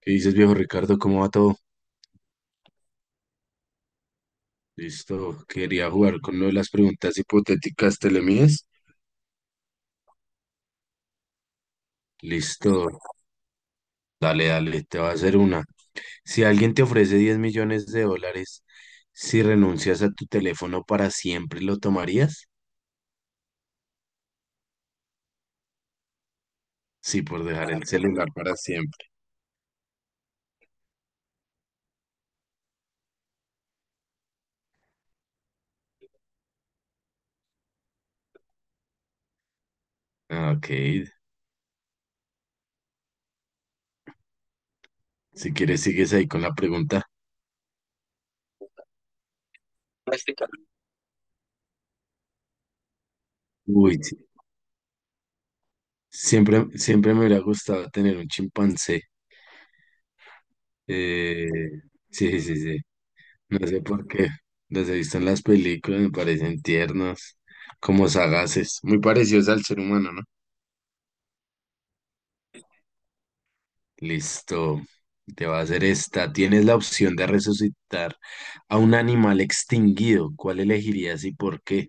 ¿Qué dices, viejo Ricardo? ¿Cómo va todo? Listo, quería jugar con lo de las preguntas hipotéticas telemías. Listo, dale, dale, te va a hacer una. Si alguien te ofrece 10 millones de dólares, si renuncias a tu teléfono para siempre, ¿lo tomarías? Sí, por dejar el celular para siempre. Ah, Ok, si quieres, sigues ahí con la pregunta. Uy, sí, siempre, siempre me hubiera gustado tener un chimpancé. Eh, sí, sí, sí. No sé por qué. Los he visto en las películas, me parecen tiernos, como sagaces, muy parecidos al ser humano, ¿no? Listo. Te va a hacer esta. Tienes la opción de resucitar a un animal extinguido. ¿Cuál elegirías y por qué?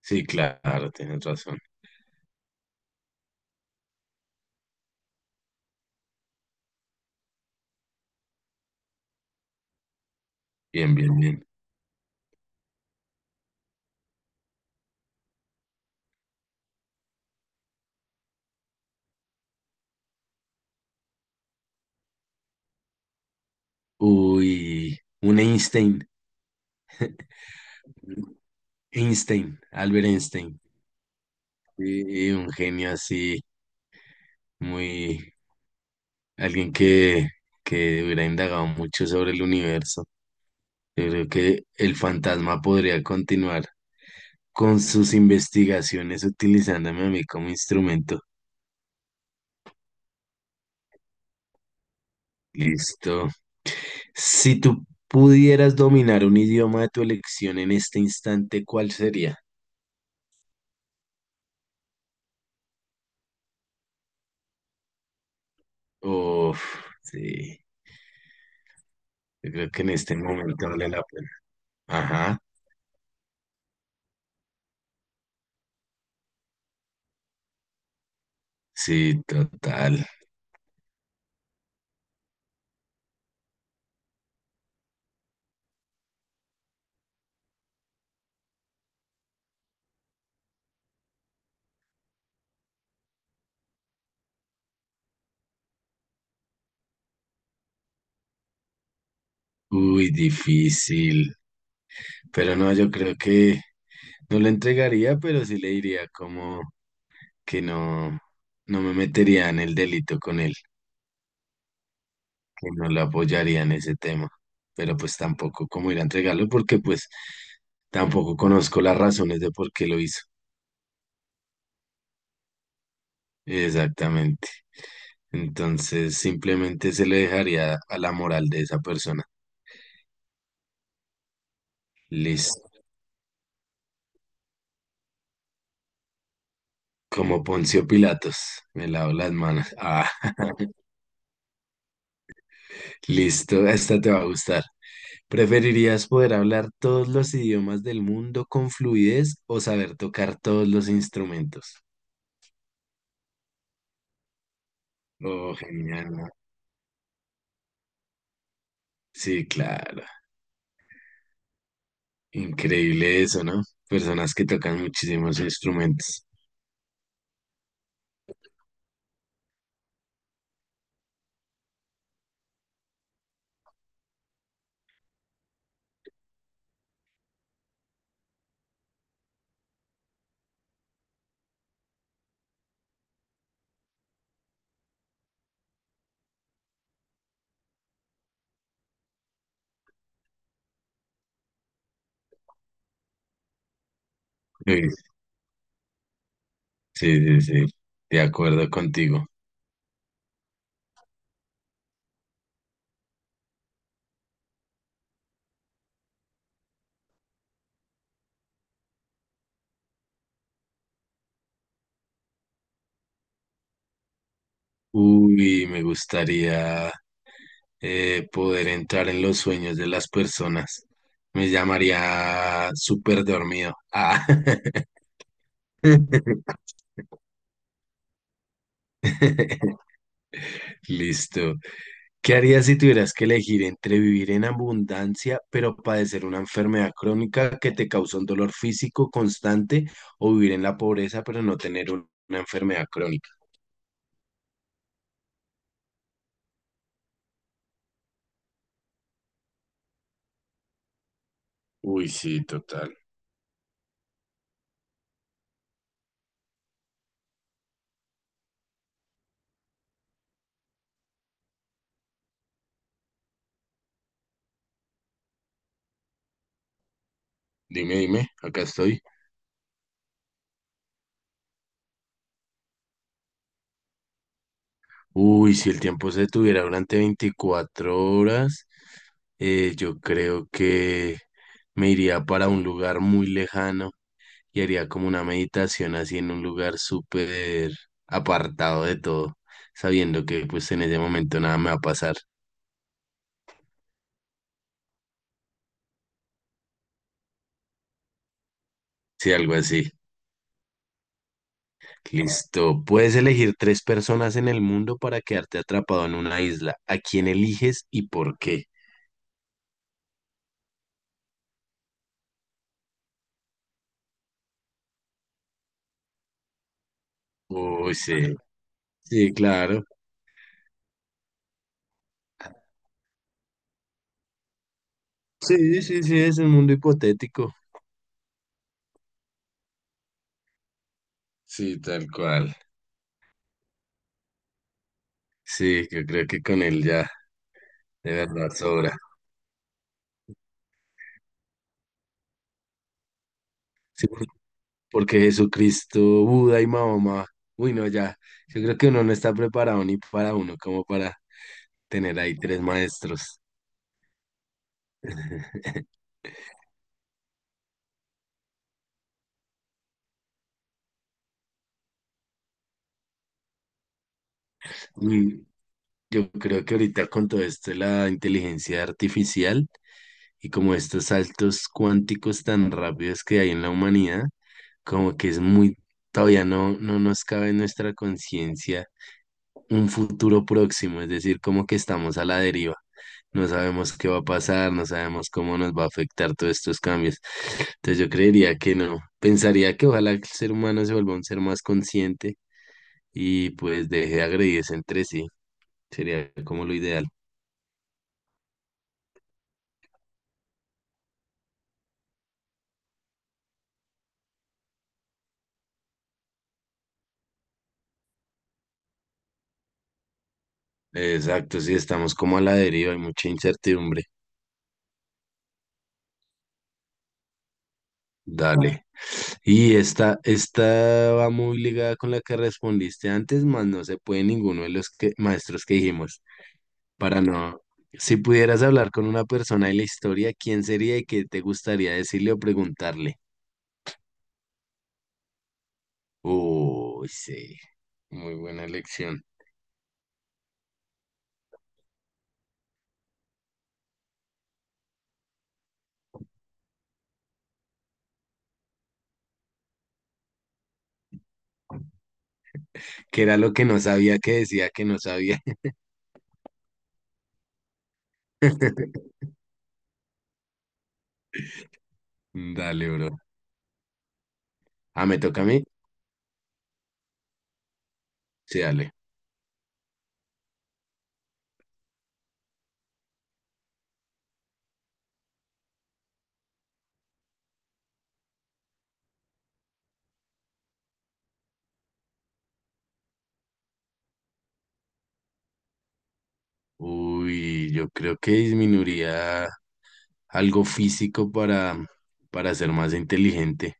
Sí, claro, tienes razón. Bien, bien, bien. Uy, un Einstein, Einstein, Albert Einstein. Sí, un genio así, muy, alguien que hubiera indagado mucho sobre el universo. Yo creo que el fantasma podría continuar con sus investigaciones utilizándome a mí como instrumento. Listo. Si tú pudieras dominar un idioma de tu elección en este instante, ¿cuál sería? Uf, sí. Yo creo que en este momento vale la pena. Ajá, sí, total. Uy, difícil. Pero no, yo creo que no lo entregaría, pero sí le diría como que no, no me metería en el delito con él. Que no lo apoyaría en ese tema, pero pues tampoco cómo ir a entregarlo porque pues tampoco conozco las razones de por qué lo hizo. Exactamente. Entonces simplemente se le dejaría a la moral de esa persona. Listo. Como Poncio Pilatos, me lavo las manos. Ah, listo, esta te va a gustar. ¿Preferirías poder hablar todos los idiomas del mundo con fluidez o saber tocar todos los instrumentos? Oh, genial. ¿No? Sí, claro. Increíble eso, ¿no? Personas que tocan muchísimos instrumentos. Uy, sí, sí, sí, de acuerdo contigo. Uy, me gustaría poder entrar en los sueños de las personas. Me llamaría súper dormido. Ah. Listo. ¿Qué harías si tuvieras que elegir entre vivir en abundancia, pero padecer una enfermedad crónica que te causa un dolor físico constante, o vivir en la pobreza, pero no tener una enfermedad crónica? Uy, sí, total. Dime, dime, acá estoy. Uy, si el tiempo se detuviera durante 24 horas, yo creo que me iría para un lugar muy lejano y haría como una meditación así en un lugar súper apartado de todo, sabiendo que pues en ese momento nada me va a pasar. Sí, algo así. Listo. Puedes elegir tres personas en el mundo para quedarte atrapado en una isla. ¿A quién eliges y por qué? Uy, sí. Sí, claro. Sí, sí, sí, es un mundo hipotético. Sí, tal cual. Sí, yo creo que con él ya de verdad sobra. Sí, por- Porque Jesucristo, Buda y Mahoma, uy, no, ya, yo creo que uno no está preparado ni para uno como para tener ahí tres maestros. Y yo creo que ahorita con todo esto de la inteligencia artificial y como estos saltos cuánticos tan rápidos que hay en la humanidad, como que es muy, todavía no nos cabe en nuestra conciencia. Un futuro próximo, es decir, como que estamos a la deriva. No sabemos qué va a pasar, no sabemos cómo nos va a afectar todos estos cambios. Entonces yo creería que no. Pensaría que ojalá el ser humano se vuelva un ser más consciente y pues deje de agredirse entre sí. Sería como lo ideal. Exacto, sí, estamos como a la deriva, hay mucha incertidumbre. Dale. Y esta va muy ligada con la que respondiste antes, más no se puede ninguno de los que, maestros que dijimos. Para no. Si pudieras hablar con una persona de la historia, ¿quién sería y qué te gustaría decirle o preguntarle? Uy, sí, muy buena elección. ¿Qué era lo que no sabía que decía que no sabía? Dale, bro. Ah, ¿me toca a mí? Sí, dale. Uy, yo creo que disminuiría algo físico para ser más inteligente.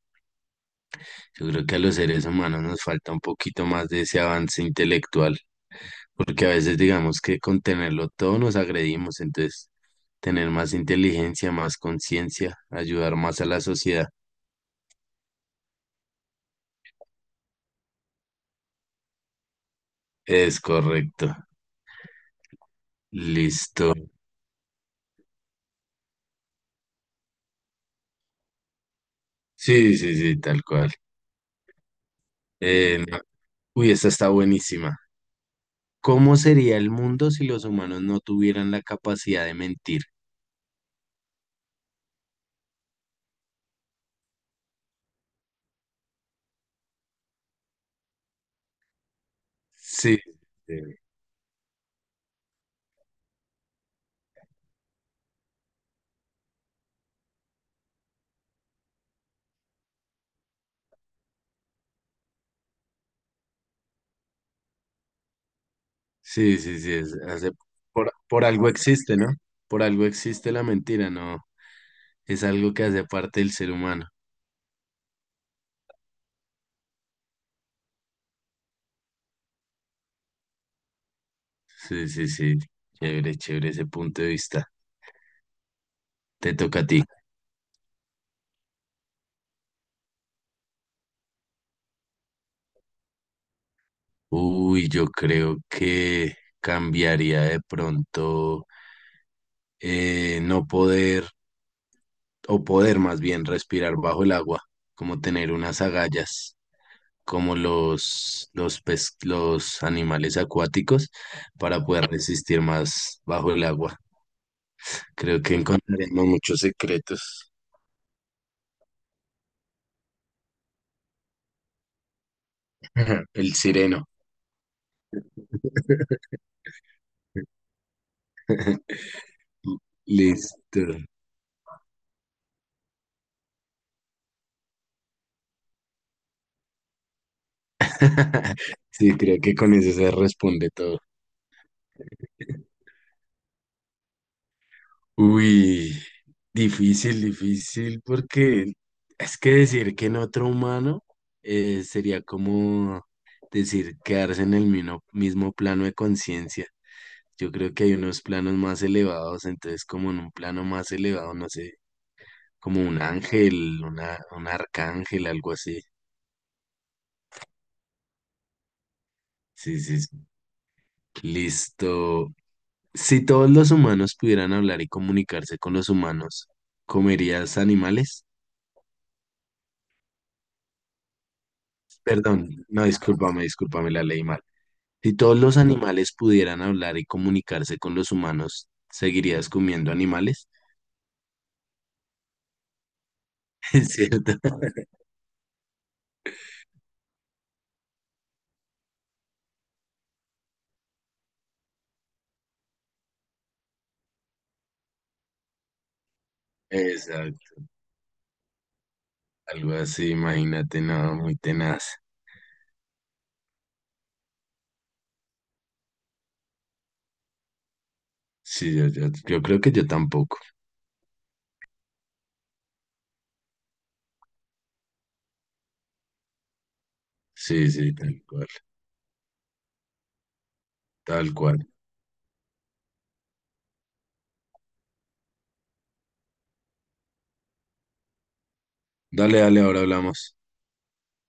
Yo creo que a los seres humanos nos falta un poquito más de ese avance intelectual. Porque a veces digamos que con tenerlo todo nos agredimos, entonces tener más inteligencia, más conciencia, ayudar más a la sociedad. Es correcto. Listo. Sí, sí, sí, tal cual. Eh, no- Uy, esta está buenísima. ¿Cómo sería el mundo si los humanos no tuvieran la capacidad de mentir? Sí, sí, sí, sí, sí, por algo existe, ¿no? Por algo existe la mentira, ¿no? Es algo que hace parte del ser humano. Sí, sí, sí. Chévere, chévere ese punto de vista. Te toca a ti. Uy, yo creo que cambiaría de pronto no poder, o poder más bien respirar bajo el agua, como tener unas agallas, como los animales acuáticos, para poder resistir más bajo el agua. Creo que encontraremos muchos secretos. El sireno. Listo. Sí, creo que con eso se responde todo. Uy, difícil, difícil, porque es que decir que en otro humano sería como decir quedarse en el mismo plano de conciencia. Yo creo que hay unos planos más elevados, entonces como en un plano más elevado, no sé, como un ángel, un arcángel, algo así. Sí, sí, sí. Listo. Si todos los humanos pudieran hablar y comunicarse con los humanos, ¿comerías animales? Perdón, no, discúlpame, discúlpame, la leí mal. Si todos los animales pudieran hablar y comunicarse con los humanos, ¿seguirías comiendo animales? Es cierto. Exacto, algo así, imagínate, no, muy tenaz. Yo creo que yo tampoco. Sí, sí, tal cual, tal cual. Dale, dale, ahora hablamos.